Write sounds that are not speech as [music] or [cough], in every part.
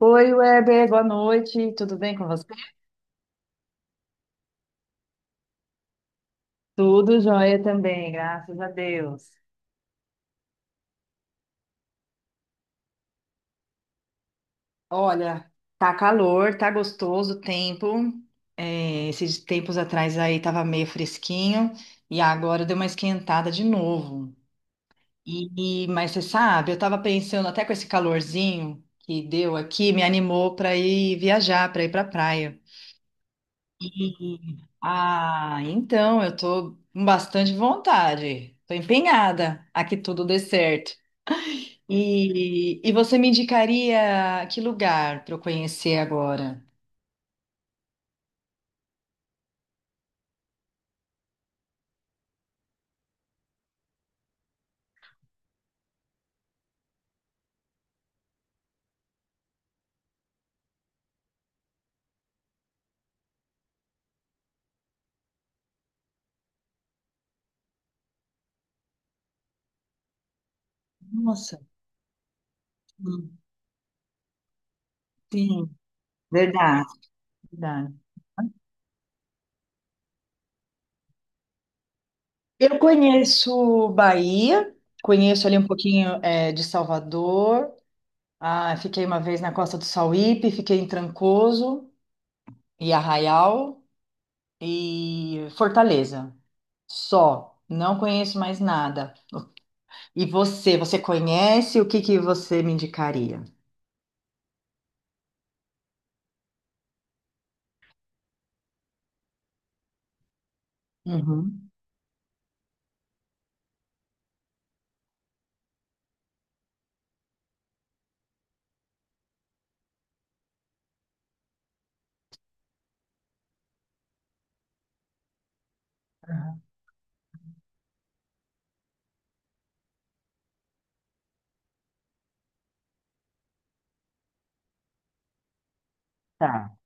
Oi, Weber, boa noite. Tudo bem com você? Tudo jóia também, graças a Deus. Olha, tá calor, tá gostoso o tempo. É, esses tempos atrás aí tava meio fresquinho e agora deu uma esquentada de novo. Mas você sabe, eu tava pensando até com esse calorzinho que deu aqui, me animou para ir viajar, para ir para praia. Então eu tô com bastante vontade. Tô empenhada a que tudo dê certo. E você me indicaria que lugar para eu conhecer agora? Nossa, sim, sim, verdade, verdade. Eu conheço Bahia, conheço ali um pouquinho de Salvador. Ah, fiquei uma vez na Costa do Sauípe, fiquei em Trancoso e Arraial e Fortaleza. Só, não conheço mais nada. E você conhece? O que que você me indicaria? Uhum, tá.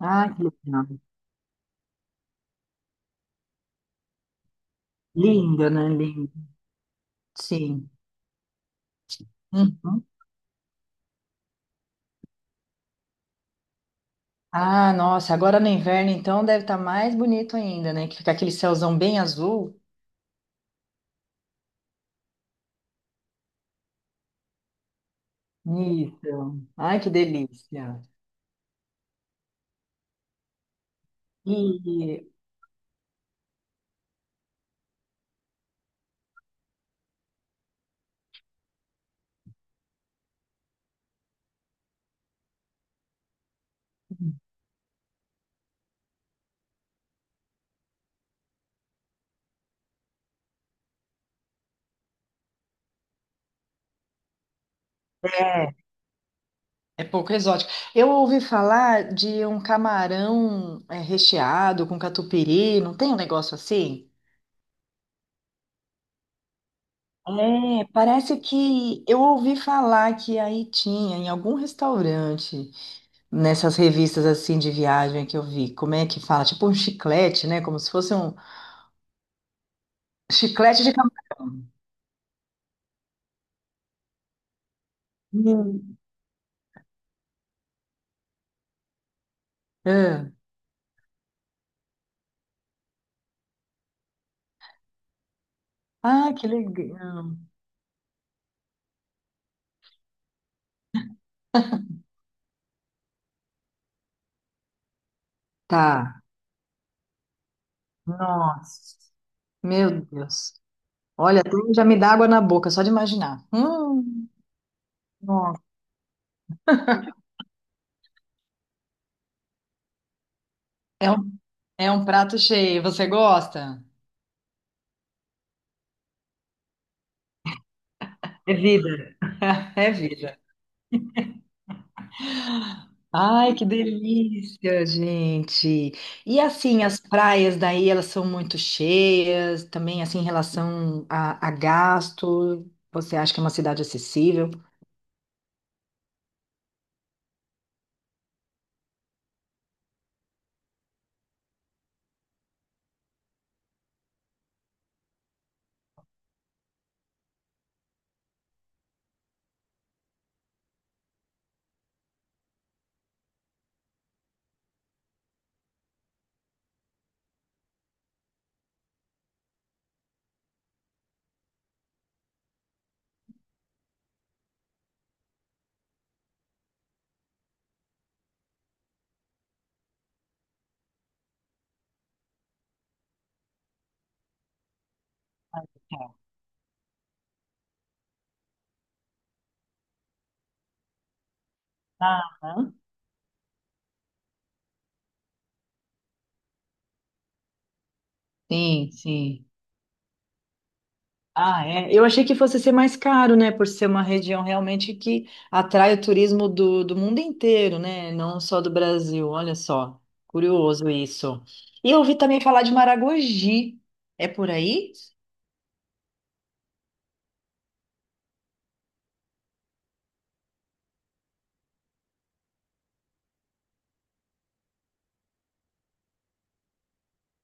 Ah, que legal. Linda, né? Linda. Sim. Uhum. Ah, nossa, agora no inverno então deve estar mais bonito ainda, né? Que fica aquele céuzão bem azul. Isso. Ai, que delícia. E é, é pouco exótico. Eu ouvi falar de um camarão é, recheado com catupiry, não tem um negócio assim? É, parece que eu ouvi falar que aí tinha em algum restaurante, nessas revistas assim de viagem que eu vi. Como é que fala? Tipo um chiclete, né? Como se fosse um chiclete de camarão. Hum. É. Ah, que legal. Tá. Nossa. Meu Deus. Olha, até já me dá água na boca só de imaginar. Hum. Nossa. É um, é um prato cheio. Você gosta? É vida. [laughs] É vida. Ai, que delícia, gente. E assim, as praias daí, elas são muito cheias, também assim, em relação a gasto, você acha que é uma cidade acessível? Aham. Sim, sim. Ah, é. Eu achei que fosse ser mais caro, né? Por ser uma região realmente que atrai o turismo do mundo inteiro, né? Não só do Brasil. Olha só, curioso isso. E eu ouvi também falar de Maragogi. É por aí?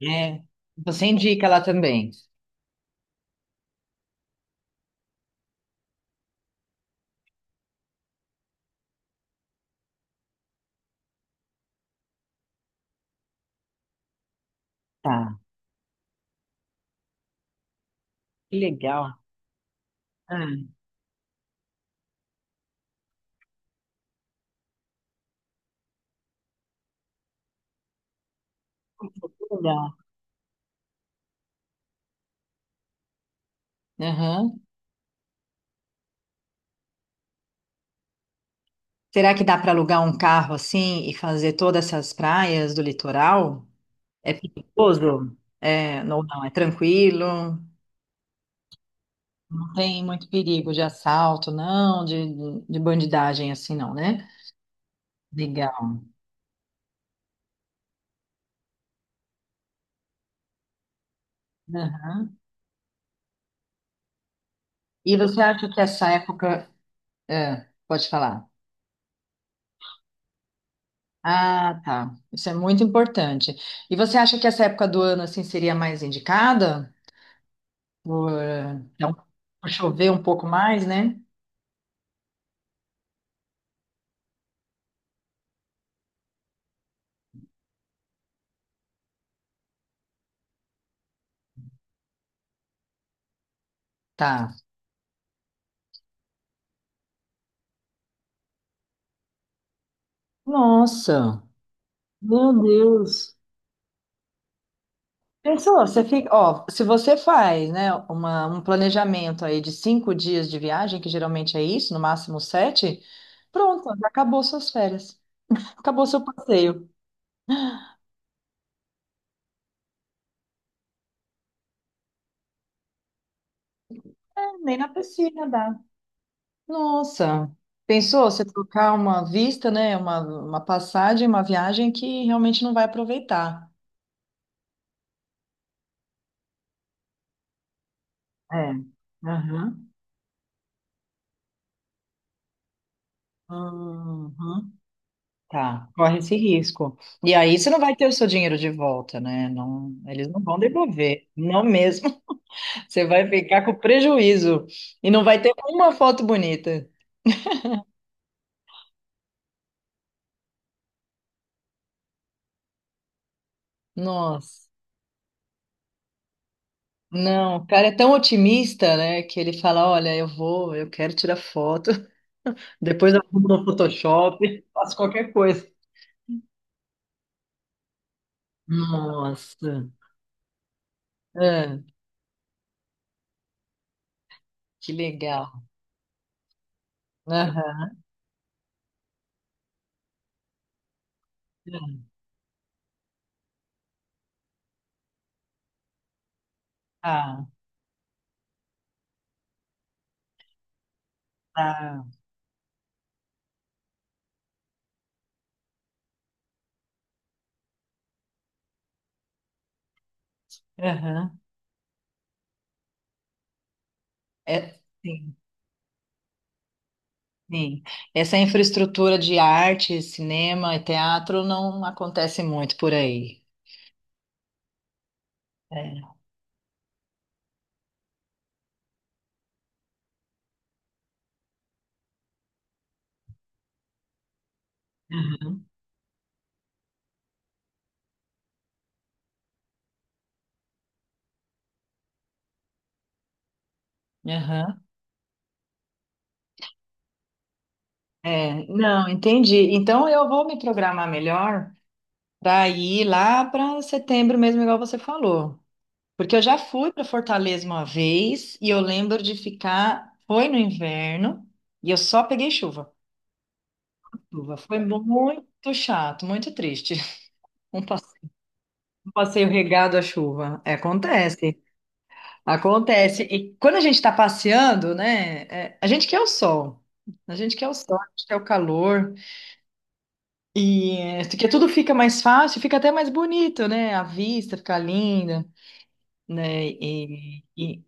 É, então você indica ela também. Tá, que legal. Ah, que legal. Aham. Será que dá para alugar um carro assim e fazer todas essas praias do litoral? É perigoso? É, não, não, é tranquilo. Não tem muito perigo de assalto, não, de bandidagem assim, não, né? Legal. Aham. E você acha que essa época. É, pode falar. Ah, tá. Isso é muito importante. E você acha que essa época do ano assim seria mais indicada? Por, então, por chover um pouco mais, né? Tá. Nossa, meu Deus. Pensou, você fica, ó, se você faz, né, uma, um planejamento aí de 5 dias de viagem, que geralmente é isso, no máximo sete, pronto, já acabou suas férias, acabou seu passeio. É, nem na piscina dá. Nossa, pensou você trocar uma vista, né, uma passagem, uma viagem que realmente não vai aproveitar. É. Aham. Uhum. Tá, corre esse risco. E aí você não vai ter o seu dinheiro de volta, né? Não, eles não vão devolver, não mesmo. [laughs] Você vai ficar com prejuízo e não vai ter uma foto bonita. Nossa, não, o cara é tão otimista, né, que ele fala, olha, eu vou, eu quero tirar foto, [laughs] depois eu arrumo no Photoshop, [laughs] faço qualquer coisa. Nossa, ah, que legal. Aham. Ah, ah, tá. Aham. É, sim. Sim. Essa infraestrutura de arte, cinema e teatro não acontece muito por aí. É. Aham. É, não, entendi. Então eu vou me programar melhor para ir lá para setembro mesmo, igual você falou. Porque eu já fui para Fortaleza uma vez e eu lembro de ficar, foi no inverno e eu só peguei chuva. Chuva. Foi muito chato, muito triste. [laughs] Um passe- Um passeio regado à chuva. É, acontece. Acontece. E quando a gente está passeando, né? É, a gente quer o sol. A gente quer o sol, a gente quer o calor. E é, porque tudo fica mais fácil, fica até mais bonito, né? A vista fica linda, né?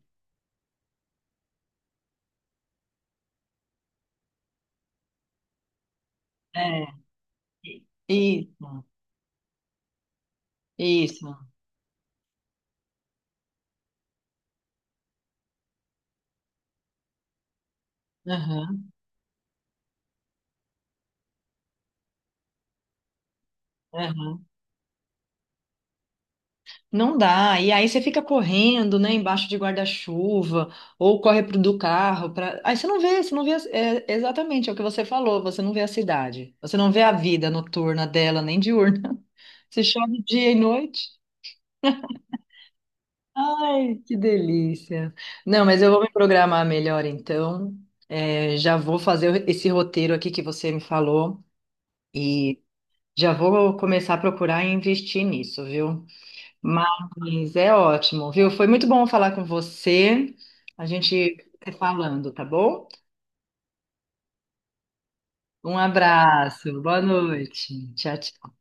é, e- isso, isso. Aham, é. Não dá. E aí você fica correndo, né, embaixo de guarda-chuva, ou corre pro do carro, pra... aí você não vê, a- é, exatamente, é o que você falou, você não vê a cidade, você não vê a vida noturna dela, nem diurna. [laughs] Você chove dia e noite. Ai, que delícia. Não, mas eu vou me programar melhor então. É, já vou fazer esse roteiro aqui que você me falou e já vou começar a procurar e investir nisso, viu? Mas é ótimo, viu? Foi muito bom falar com você. A gente vai se falando, tá bom? Um abraço, boa noite. Tchau, tchau.